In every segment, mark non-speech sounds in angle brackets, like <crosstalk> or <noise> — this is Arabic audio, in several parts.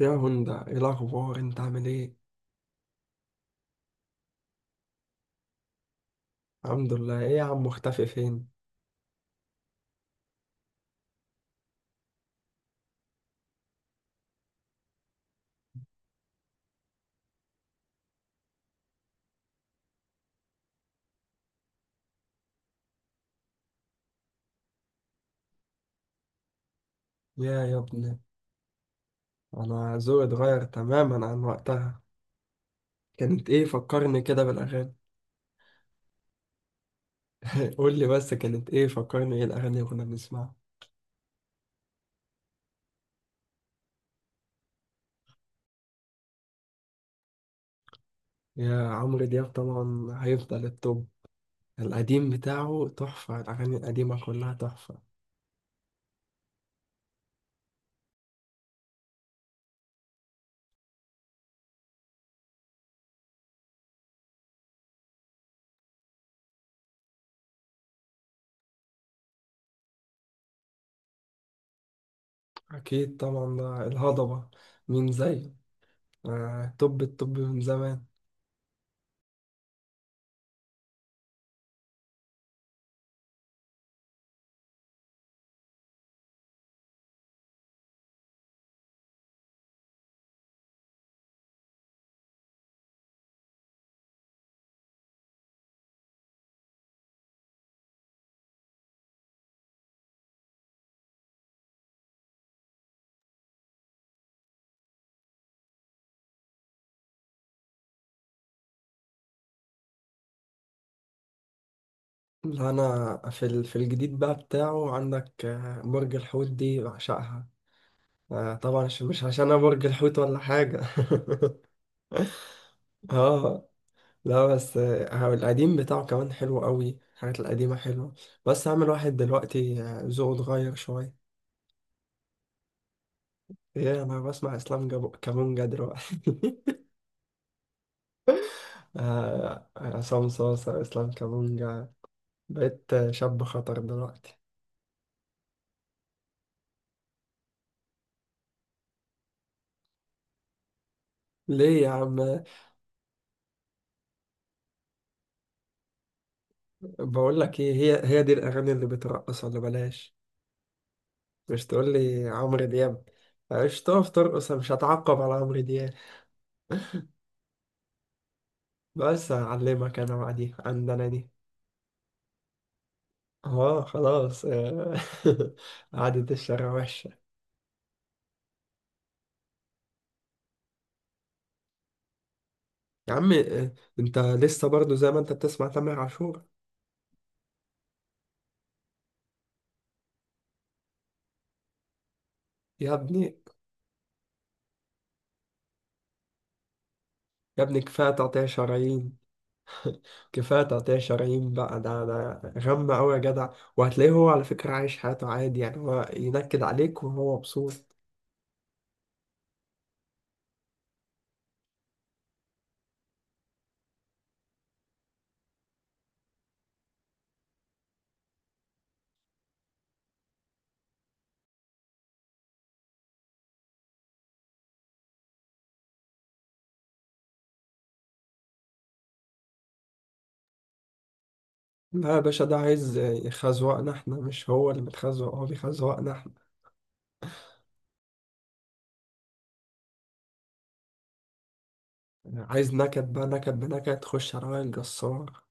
يا هوندا، ايه الاخبار؟ انت عامل ايه؟ الحمد لله. ايه يا عم، مختفي فين؟ يا ابني، انا ذوقي اتغير تماما عن وقتها. كانت ايه فكرني كده بالاغاني؟ <laughs> قول لي بس، كانت ايه فكرني؟ ايه الاغاني اللي كنا بنسمعها؟ يا عمرو دياب طبعا هيفضل التوب. القديم بتاعه تحفة، الأغاني القديمة كلها تحفة. أكيد طبعا، ده الهضبة، مين زيه؟ آه، توب التوب من زمان. لا أنا في ال- في الجديد بقى بتاعه، عندك برج الحوت دي بعشقها. طبعا مش عشان انا برج الحوت ولا حاجة. <laughs> اه. لا بس القديم بتاعه كمان حلو قوي، الحاجات القديمة حلوة. بس هعمل واحد دلوقتي ذوقه اتغير شوية. ايه؟ انا بسمع اسلام جابو كامونجا دلوقتي. <laughs> عصام صاصة، اسلام كامونجا. بقيت شاب خطر دلوقتي. ليه يا عم؟ بقول لك ايه، هي دي الاغاني اللي بترقص، ولا بلاش؟ مش تقول لي عمرو دياب. مش تقف ترقص، أنا مش هتعقب على عمرو دياب. بس هعلمك انا بقى، دي عندنا دي. اه خلاص آه. <laughs> قعدة الشارع وحشة. يا عم انت لسه برضو زي ما انت بتسمع تامر عاشور. يا ابني، يا ابني، كفاية تقطيع شرايين. كفاية تقطيع شرايين بقى، ده غم أوي يا جدع. وهتلاقيه هو على فكرة عايش حياته عادي، يعني هو ينكد عليك وهو مبسوط. لا يا باشا، ده عايز يخزوقنا احنا، مش هو اللي بيتخزوق، هو بيخزوقنا احنا. عايز نكد بقى؟ نكد بنكد، خش على وائل جسار.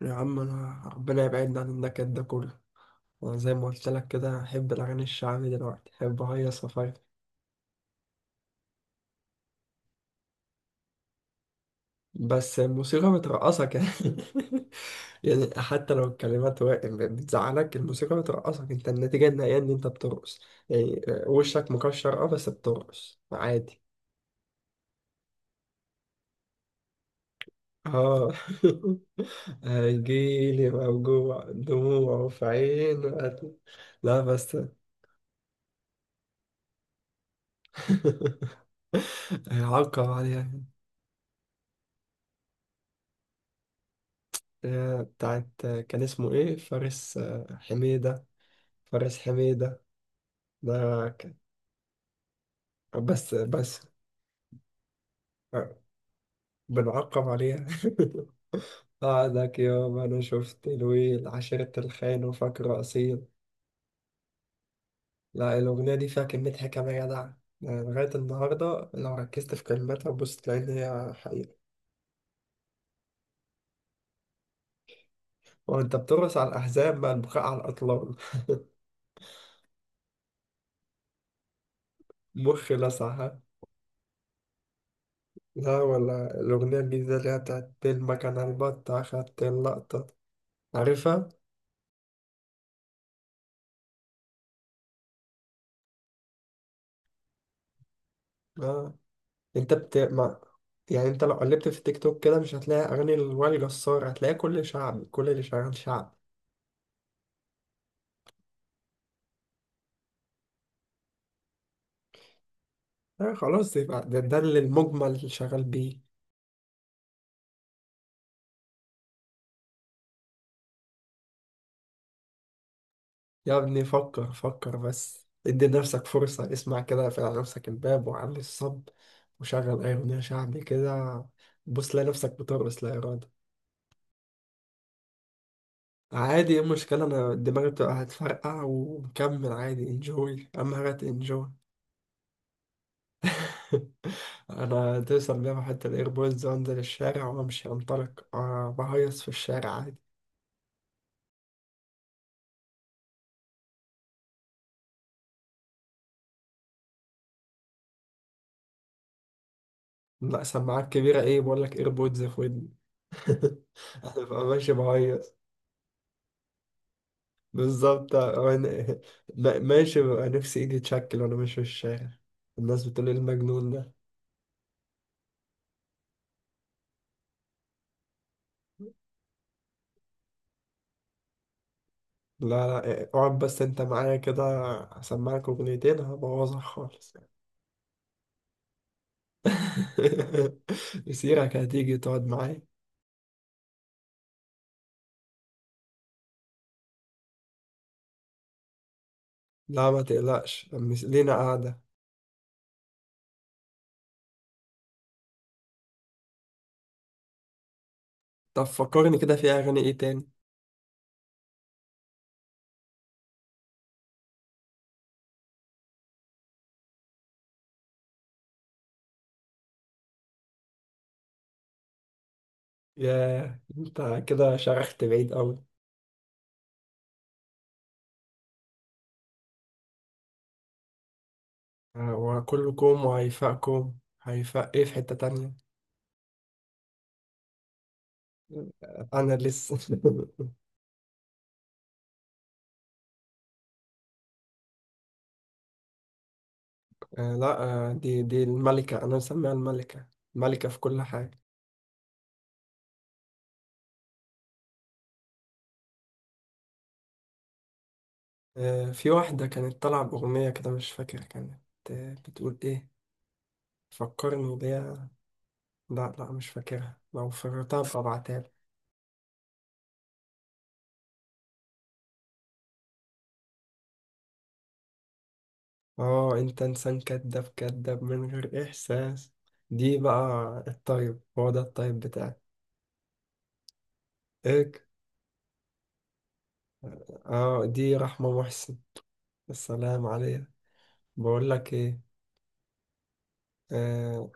يا عم انا ربنا يبعدنا عن النكد ده كله. انا زي ما قلت لك كده، احب الاغاني الشعبي دلوقتي، احب اهيص وافرفش. بس الموسيقى بترقصك يعني. <laughs> يعني حتى لو الكلمات بتزعلك، الموسيقى بترقصك، انت النتيجة النهائية ان انت بترقص. يعني وشك مكشر، اه، بس بترقص عادي. اه. <laughs> هيجيلي موجوع دموعه في عينه. لا بس. <laughs> هيعقب عليها. بتاعت كان اسمه ايه؟ فارس حميدة. فارس حميدة، ده كان. بس بس آه، بنعقب عليها. <laughs> قعدك يوم انا شفت الويل، عشيرة الخاين، وفاكر اصيل. لا، الاغنية دي فيها كمية حكمة يا جدع. يعني لغاية النهاردة لو ركزت في كلماتها، بص تلاقي إن هي حقيقة. وأنت بترقص على الأحزاب مع البكاء على الأطلال. <laughs> مخي لسع، ها؟ لا، ولا الأغنية الجديدة اللي هي بتاعت المكنة البطة أخدت اللقطة. عارفها؟ اه. انت بت ما... يعني انت لو قلبت في التيك توك كده، مش هتلاقي اغاني الوائل جسار، هتلاقي كل شعب، كل اللي شغال شعب. آه خلاص، يبقى ده اللي المجمل اللي شغال بيه. يا ابني فكر بس، ادي نفسك فرصة. اسمع كده، اقفل على نفسك الباب وعلي الصب، وشغل اي اغنية شعبي كده. بص تلاقي نفسك بترقص لا إرادة. عادي، ايه المشكلة؟ انا دماغي بتبقى هتفرقع ومكمل عادي، انجوي، اهم حاجة انجوي. <laughs> انا توصل بيهم حتى الايربودز وانزل الشارع وامشي انطلق، بهيص في الشارع عادي. لا سماعات كبيرة ايه؟ بقول لك ايربودز في ودني. <laughs> انا ببقى ماشي بهيص. بالظبط انا <laughs> ماشي، ببقى نفسي ايدي تشكل وانا ماشي في الشارع، الناس بتقول لي المجنون ده. لا لا اقعد بس انت معايا كده، هسمعك اغنيتين هبوظها خالص. <laughs> مسيرك هتيجي تقعد معايا. لا ما تقلقش، لينا قاعدة. طب فكرني كده في أغاني إيه تاني؟ يا أنت كده شرحت بعيد أوي. هو كلكم وهيفاءكم؟ هيفاء إيه؟ في حتة تانية. أنا لسه. <laughs> لا. دي الملكة، أنا مسميها الملكة، ملكة في كل حاجة. في واحدة كانت طالعة بأغنية كده، مش فاكر كانت بتقول إيه. فكرني بيها. لا لا مش فاكرها، لو فكرتها ببعتها. اه، انت انسان كذاب، كذاب من غير احساس. دي بقى الطيب، هو ده الطيب بتاعك. ايه؟ اه دي رحمة محسن. السلام عليك. بقول لك ايه، آه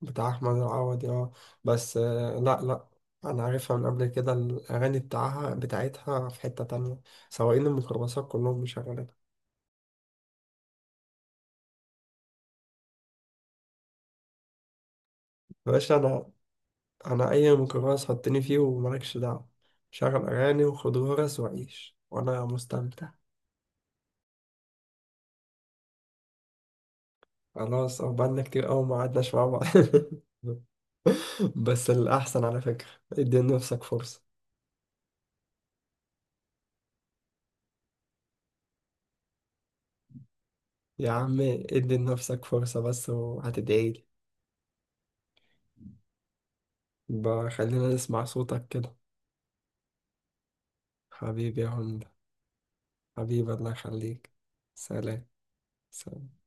بتاع احمد العوضي، اه. بس آه لا لا، انا عارفها من قبل كده، الاغاني بتاعها بتاعتها في حتة تانية، سواقين الميكروباصات كلهم مشغلينها. يا باشا انا، انا اي ميكروباص حطني فيه ومالكش دعوة، شغل اغاني وخد غرز وعيش وانا مستمتع. خلاص اه، بقالنا كتير قوي ما قعدناش مع بعض. <laughs> بس الأحسن على فكرة ادي لنفسك فرصة. يا عم ادي لنفسك فرصة بس وهتدعيلي. بقى خلينا نسمع صوتك كده. حبيبي يا هند، حبيبي الله يخليك. سلام. سلام.